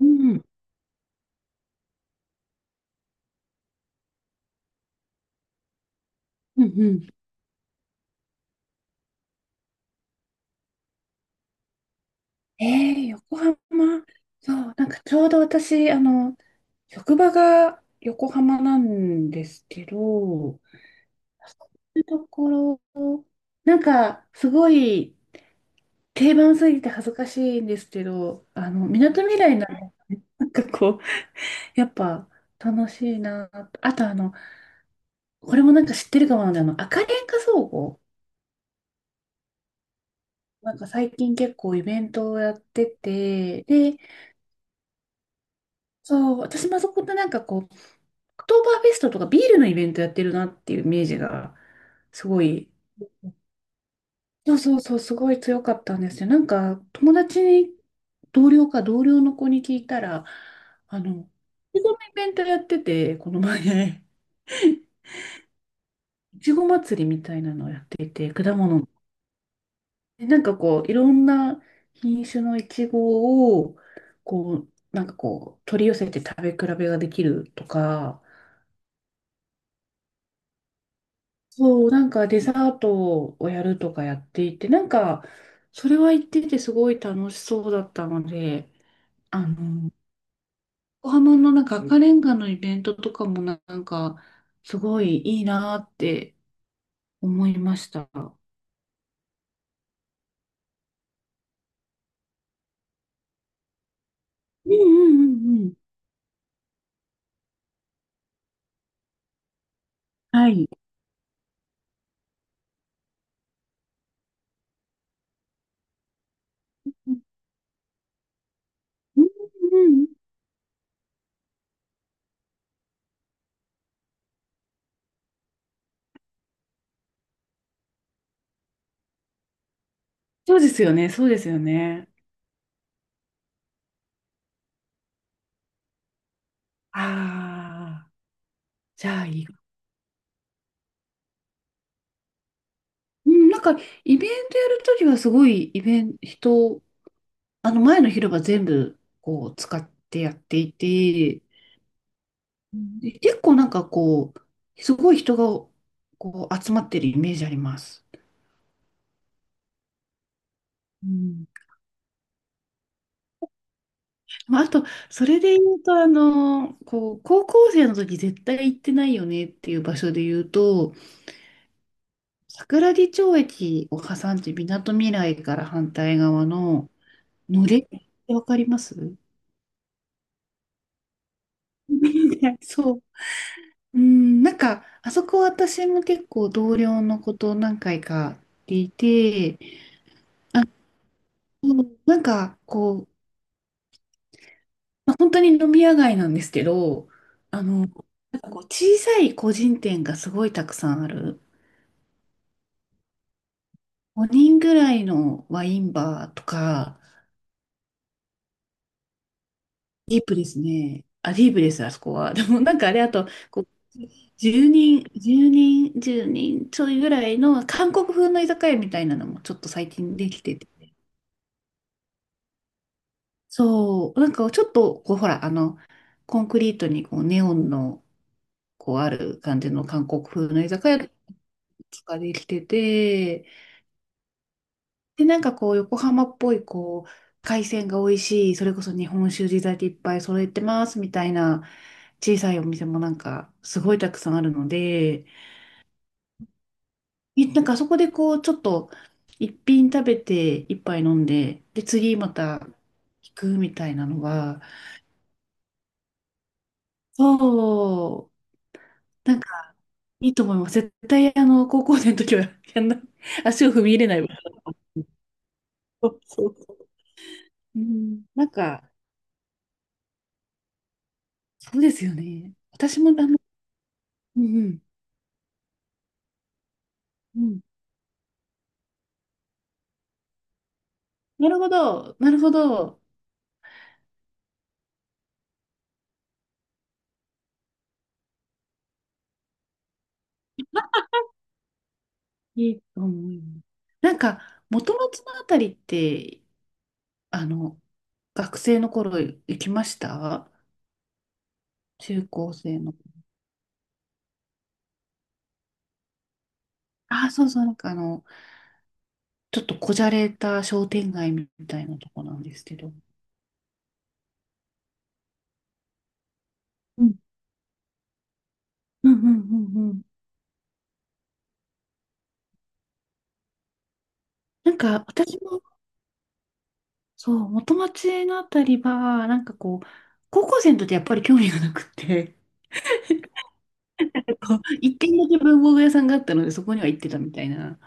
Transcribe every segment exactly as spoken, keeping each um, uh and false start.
うん、うんうん。えー、横浜。そう、なんかちょうど私、あの、職場が横浜なんですけど、そういうところ、なんかすごい定番すぎて恥ずかしいんですけど、あの、みなとみらいなんなんかこう、やっぱ楽しいなと。あとあの、これもなんか知ってるかもなんで、あの、赤レンガ倉庫。なんか最近結構イベントをやってて、で、そう、私もそこでなんかこう、クトーバーフェストとかビールのイベントやってるなっていうイメージが、すごい、そうそうそう、すごい強かったんですよ。なんか、友達に、同僚か同僚の子に聞いたら、あの、いちごのイベントやってて、この前、いちご祭りみたいなのをやっていて、果物の。でなんかこう、いろんな品種のいちごを、こう、なんかこう、取り寄せて食べ比べができるとか、そう、なんかデザートをやるとかやっていて、なんか、それは言っててすごい楽しそうだったので、あの、横浜のなんか赤レンガのイベントとかもなんか、すごいいいなって思いました。うんうんうんうん。はい。うんうんうん。そうですよね、そうですよね。ああ、じゃあいい。うん、なんか、イベントやるときはすごいイベント、人あの前の広場全部こう使ってやっていて、うんで結構なんかこう、すごい人がこう集まってるイメージあります。うんまあ、あと、それで言うと、あの、こう、高校生の時絶対行ってないよねっていう場所で言うと、桜木町駅を挟んで、みなとみらいから反対側の、のれんってわかります？ そう。うん、なんか、あそこ私も結構同僚のこと何回か聞いて、そうなんかこう、まあ本当に飲み屋街なんですけど、あの、なんかこう小さい個人店がすごいたくさんある。ごにんぐらいのワインバーとか、ディープですね。あ、ディープです、あそこは。でもなんかあれ、あと、こう、じゅうにん、じゅうにん、じゅうにんちょいぐらいの韓国風の居酒屋みたいなのもちょっと最近できてて、そう、なんかちょっと、こう、ほら、あの、コンクリートにこうネオンの、こう、ある感じの韓国風の居酒屋がいくつかできてて、で、なんかこう、横浜っぽい、こう、海鮮が美味しい、それこそ日本酒地酒いっぱい揃えてますみたいな小さいお店もなんかすごいたくさんあるので、いなんかそこでこう、ちょっと一品食べて一杯飲んで、で、次また行くみたいなのが、そうなんか、いいと思います。絶対、あの、高校生の時はやんない、足を踏み入れないわ。そうそうそう。うん、なんか、そうですよね。私も、あの、うんうん、うん。なるほど、なるほど。いいと思います。なんか、元町のあたりって、あの、学生の頃行きました、中高生の。あ、そうそう、なんかあの、ちょっとこじゃれた商店街みたいなとこなんですけど。うん、うん、うん、うん。うん、なんか、私もそう、元町のあたりは、なんかこう、高校生の時やっぱり興味がなくって、一軒だけ文房具屋さんがあったので、そこには行ってたみたいな、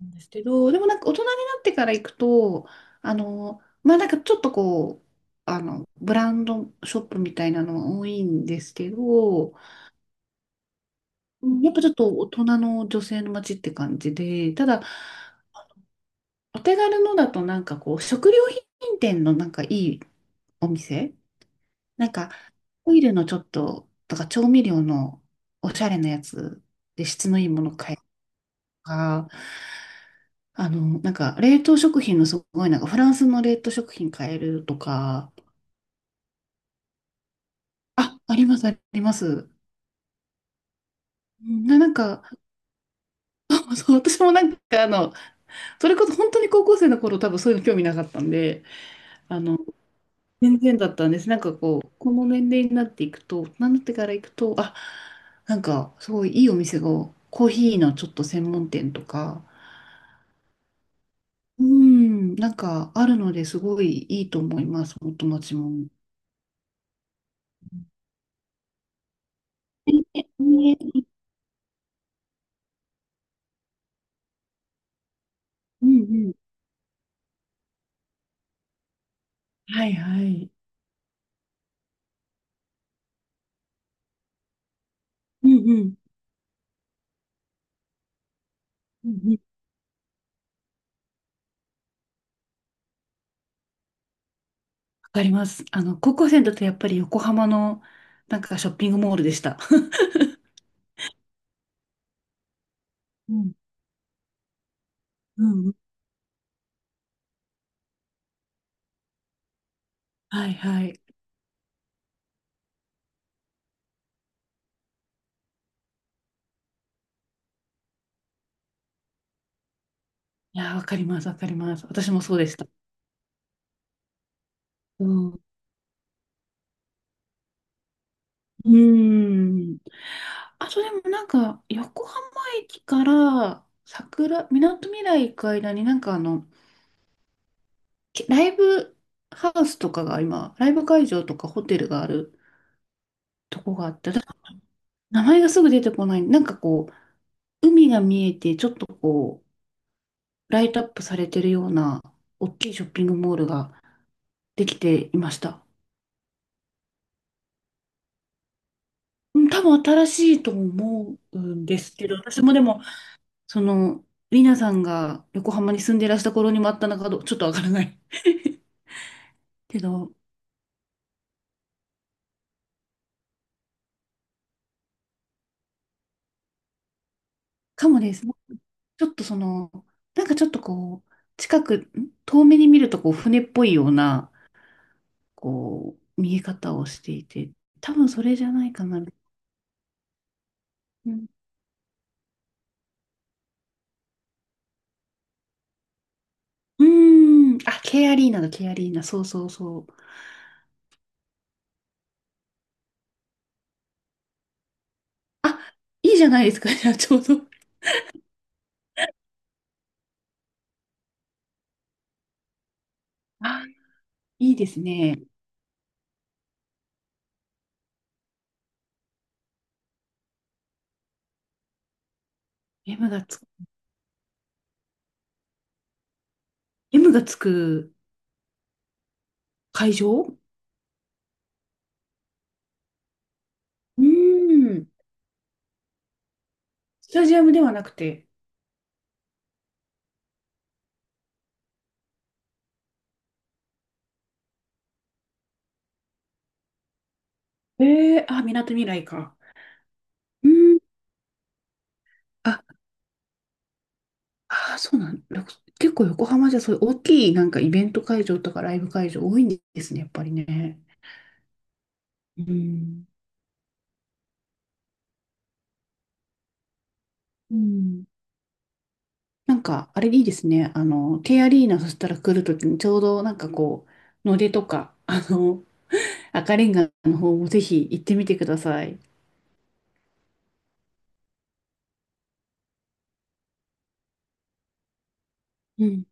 なんですけど、でもなんか大人になってから行くと、あの、まあなんかちょっとこう、あの、ブランドショップみたいなのは多いんですけど、うんやっぱちょっと大人の女性の街って感じで、ただ、お手軽のだとなんかこう、食料品店のなんかいいお店、なんか、トイレのちょっと、だから調味料のおしゃれなやつで質のいいもの買えるとか、あの、なんか冷凍食品のすごいなんかフランスの冷凍食品買えるとか、あ、あります、あります。な、なんか、そう、私もなんかあの、それこそ本当に高校生の頃多分そういうの興味なかったんで、あの、全然だったんです。なんかこう、この年齢になっていくと、大人になってから行くと、あ、なんかすごいいいお店が、コーヒーのちょっと専門店とか、うん、なんかあるのですごいいいと思います、お友達も。ね、ね、うんうん。はいはい。うんうん。うんうん、わかります。あの、高校生だとやっぱり横浜のなんかショッピングモールでした。うん。うんうん。はいはい。いやー、わかります、わかります。私もそうでした。うん。うーん。あとでもなんか、横浜駅から桜、みなとみらい行く間になんかあの、けライブハウスとかが今、ライブ会場とかホテルがあるとこがあって、だ名前がすぐ出てこない。なんかこう、海が見えて、ちょっとこう、ライトアップされてるような、大きいショッピングモールができていました。うん、多分新しいと思うんですけど、私もでも、その、リナさんが横浜に住んでいらした頃にもあったのかどう、ちょっとわからない けど、かもです。ちょっとその、なんかちょっとこう、近く、ん遠目に見るとこう、船っぽいような、こう、見え方をしていて、多分それじゃないかな。うん。うーん。あ、K アリーナだ、K アリーナ。そうそうそう。あ、いいじゃないですか、じゃあちょうど。あ、いいですね。M がつ、M がつく会場。うーん。スタジアムではなくて。えー、あ、みなとみらいか。うーん。あ、ああ、そうなん、ろく結構横浜じゃそういう大きいなんかイベント会場とかライブ会場多いんですね、やっぱりね。うん。うん。なんか、あれいいですね。あの、K アリーナそしたら来るときにちょうどなんかこう、野出とか、あの、赤レンガの方もぜひ行ってみてください。うん。